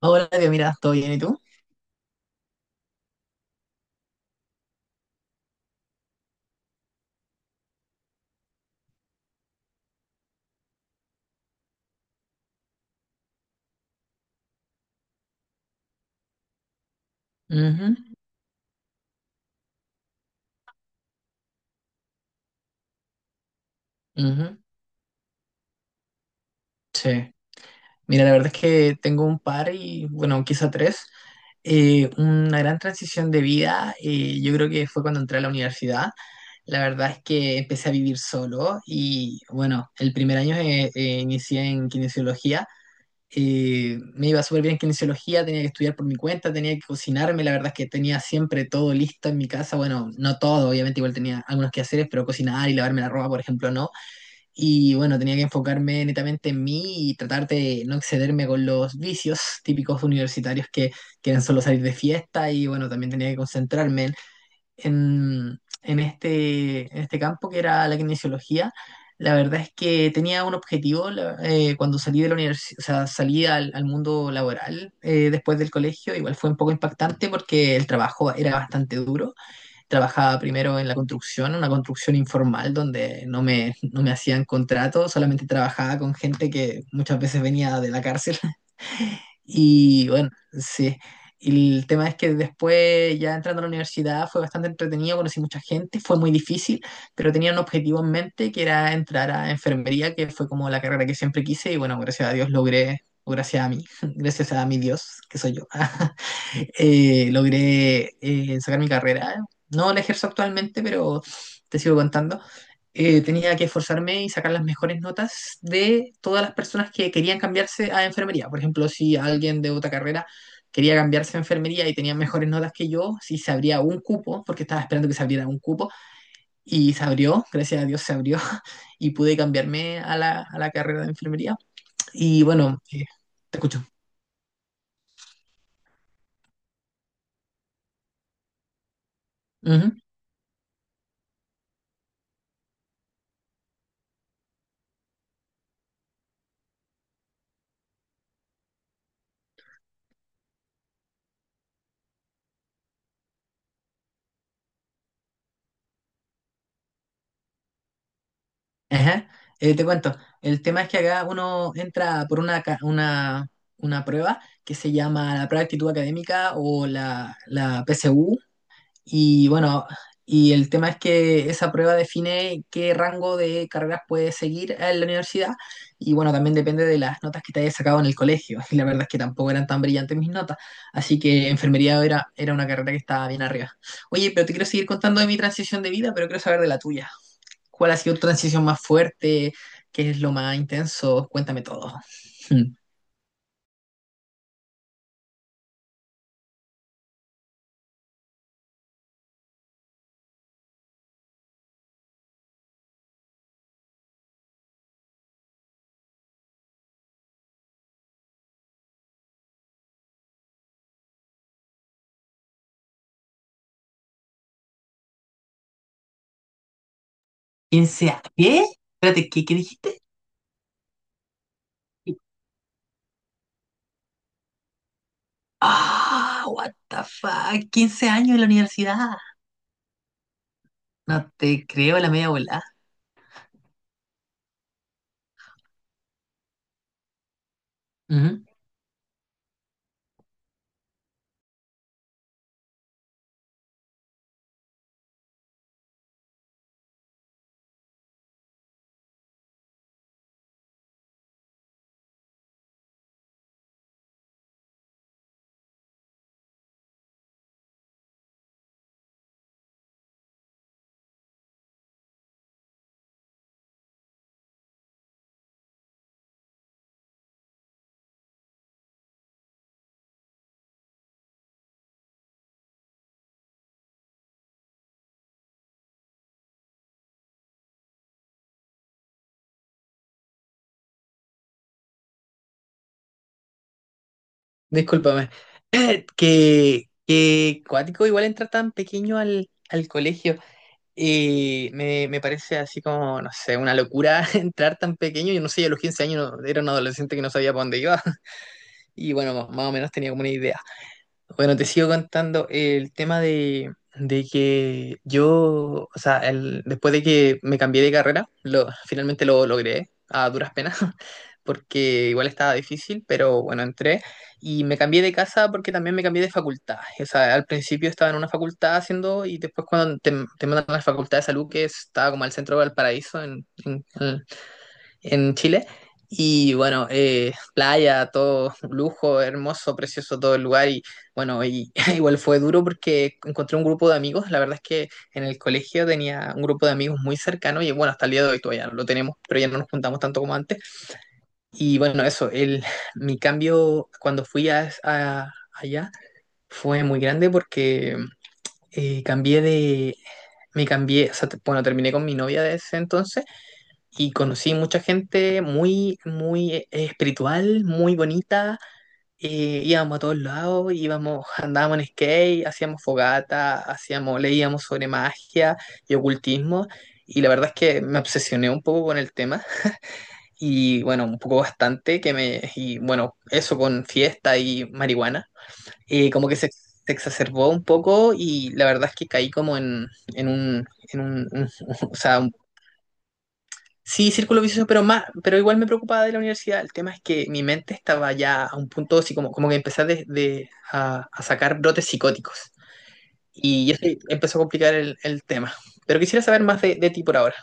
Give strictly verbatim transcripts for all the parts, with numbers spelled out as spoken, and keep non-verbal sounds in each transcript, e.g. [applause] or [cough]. Hola, Dios, mira, ¿todo bien y tú? Ujú, ujú, sí. Mira, la verdad es que tengo un par y, bueno, quizá tres. Eh, una gran transición de vida, eh, yo creo que fue cuando entré a la universidad. La verdad es que empecé a vivir solo y, bueno, el primer año eh, eh, inicié en kinesiología. Y me iba súper bien en kinesiología, tenía que estudiar por mi cuenta, tenía que cocinarme. La verdad es que tenía siempre todo listo en mi casa. Bueno, no todo, obviamente, igual tenía algunos quehaceres, pero cocinar y lavarme la ropa, por ejemplo, no. Y bueno, tenía que enfocarme netamente en mí y tratar de no excederme con los vicios típicos universitarios que quieren solo salir de fiesta. Y bueno, también tenía que concentrarme en, en este, en este campo que era la kinesiología. La verdad es que tenía un objetivo la- eh, cuando salí de la universidad, o sea, salí al, al mundo laboral eh, después del colegio, igual fue un poco impactante porque el trabajo era bastante duro. Trabajaba primero en la construcción, una construcción informal donde no me, no me hacían contrato, solamente trabajaba con gente que muchas veces venía de la cárcel y bueno, sí. Y el tema es que después, ya entrando a la universidad, fue bastante entretenido, conocí mucha gente, fue muy difícil, pero tenía un objetivo en mente que era entrar a enfermería, que fue como la carrera que siempre quise, y bueno, gracias a Dios logré, o gracias a mí, [laughs] gracias a mi Dios, que soy yo, [laughs] eh, logré eh, sacar mi carrera. No la ejerzo actualmente, pero te sigo contando. Eh, tenía que esforzarme y sacar las mejores notas de todas las personas que querían cambiarse a enfermería. Por ejemplo, si alguien de otra carrera quería cambiarse a enfermería y tenía mejores notas que yo, si se abría un cupo, porque estaba esperando que se abriera un cupo, y se abrió, gracias a Dios se abrió, [laughs] y pude cambiarme a la, a la carrera de enfermería. Y bueno, eh, te escucho. Ajá, eh, te cuento. El tema es que acá uno entra por una, ca- una, una prueba que se llama la prueba de actitud académica o la, la P S U. Y bueno, y el tema es que esa prueba define qué rango de carreras puedes seguir en la universidad. Y bueno, también depende de las notas que te hayas sacado en el colegio. [laughs] Y la verdad es que tampoco eran tan brillantes mis notas. Así que enfermería era, era una carrera que estaba bien arriba. Oye, pero te quiero seguir contando de mi transición de vida, pero quiero saber de la tuya. ¿Cuál ha sido tu transición más fuerte? ¿Qué es lo más intenso? Cuéntame todo. [laughs] Hmm. ¿Quince años? ¿Qué? Espérate, ¿qué, qué dijiste? Ah, what the fuck. Quince años en la universidad. No te creo la media volada. Ujú. Discúlpame. [clears throat] Que, que cuático igual entra tan pequeño al, al colegio. Y me, me parece así como, no sé, una locura [laughs] entrar tan pequeño. Yo no sé, yo a los quince años no- era un adolescente que no sabía para dónde iba. [laughs] Y bueno, más o menos tenía como una idea. Bueno, te sigo contando el tema de, de que yo, o sea, el- después de que me cambié de carrera, lo, finalmente lo logré a duras penas, [laughs] porque igual estaba difícil, pero bueno, entré y me cambié de casa porque también me cambié de facultad. O sea, al principio estaba en una facultad haciendo y después cuando te, te mandan a la facultad de salud, que estaba como al centro de Valparaíso, en, en, en Chile. Y bueno, eh, playa, todo lujo, hermoso, precioso todo el lugar. Y bueno, y, [laughs] igual fue duro porque encontré un grupo de amigos. La verdad es que en el colegio tenía un grupo de amigos muy cercano y bueno, hasta el día de hoy todavía no lo tenemos, pero ya no nos juntamos tanto como antes. Y bueno, eso, el, [laughs] mi cambio cuando fui a, a- allá fue muy grande porque eh, cambié de... Me cambié, o sea, t- bueno, terminé con mi novia de ese entonces y conocí mucha gente muy, muy eh, espiritual, muy bonita. Eh, íbamos a todos lados, íbamos, andábamos en skate, hacíamos fogata, hacíamos, leíamos sobre magia y ocultismo. Y la verdad es que me obsesioné un poco con el tema y bueno, un poco bastante que me, y bueno, eso con fiesta y marihuana, eh, como que se, se exacerbó un poco y la verdad es que caí como en, en un, en un, un- [laughs] o sea, sí, círculo vicioso, pero más, pero igual me preocupaba de la universidad. El tema es que mi mente estaba ya a un punto así como, como que empecé de, de- a, a sacar brotes psicóticos. Y eso empezó a complicar el, el tema. Pero quisiera saber más de, de ti por ahora.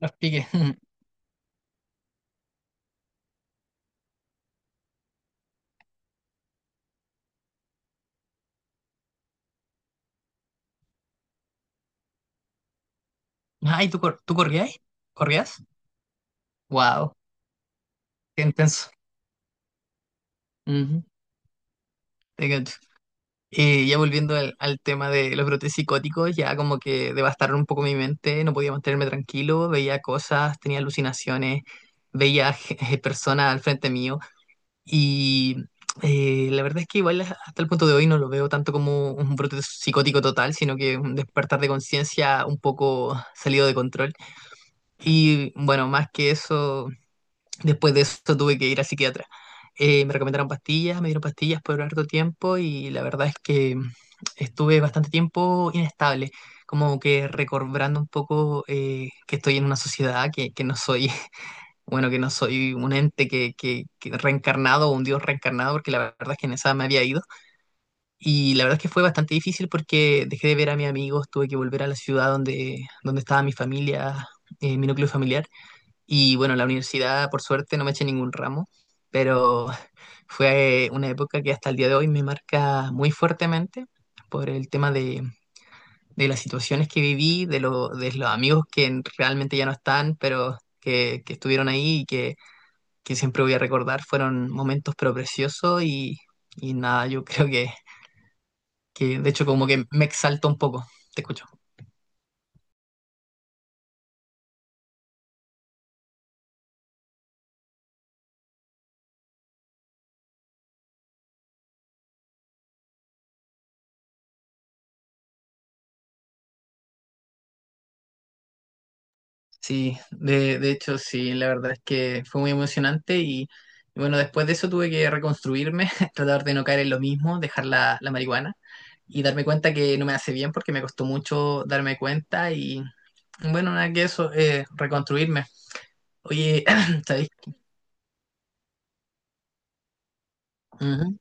No explique. [laughs] Ay, ¿tú, cor- ¿tú corrías? ¿Corrías? Wow, qué intenso. Ujú, te cacho. Eh, ya volviendo al, al tema de los brotes psicóticos, ya como que devastaron un poco mi mente, no podía mantenerme tranquilo, veía cosas, tenía alucinaciones, veía eh, [laughs] personas al frente mío y eh, la verdad es que igual hasta el punto de hoy no lo veo tanto como un brote psicótico total, sino que un despertar de conciencia un poco salido de control. Y bueno, más que eso... Después de eso tuve que ir a psiquiatra. Eh, me recomendaron pastillas, me dieron pastillas por harto tiempo y la verdad es que estuve bastante tiempo inestable, como que recobrando un poco eh, que estoy en una sociedad, que, que no soy, [laughs] bueno, que no soy un ente que, que, que reencarnado o un dios reencarnado, porque la verdad es que en esa me había ido. Y la verdad es que fue bastante difícil porque dejé de ver a mis amigos, tuve que volver a la ciudad donde, donde estaba mi familia, eh, mi núcleo familiar y bueno, la universidad, por suerte, no me eché ningún ramo, pero [laughs] fue una época que hasta el día de hoy me marca muy fuertemente por el tema de, de las situaciones que viví, de, lo- de los amigos que realmente ya no están, pero que, que estuvieron ahí y que, que siempre voy a recordar. Fueron momentos pero preciosos y, y nada, yo [laughs] creo que, que de hecho como que me exalta un poco. Te escucho. Sí, de, de hecho sí, la verdad es que fue muy emocionante y, y bueno, después de eso tuve que reconstruirme, [laughs] tratar de no caer en lo mismo, dejar la, la marihuana y darme cuenta que no me hace bien porque me costó mucho darme cuenta y bueno, nada que eso, eh, reconstruirme. Oye, [clears throat] ¿sabéis? Ujú,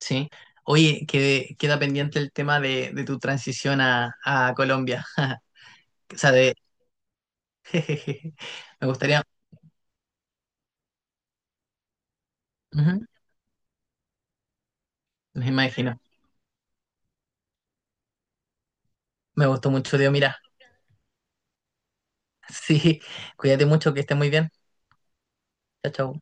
sí. Oye, que, queda pendiente el tema de, de tu transición a, a Colombia. [laughs] O sea, de... [laughs] Me gustaría... Ujú, me imagino. Me gustó mucho, Dios, mira. [laughs] Sí, cuídate mucho, que estés muy bien. Chao, chao.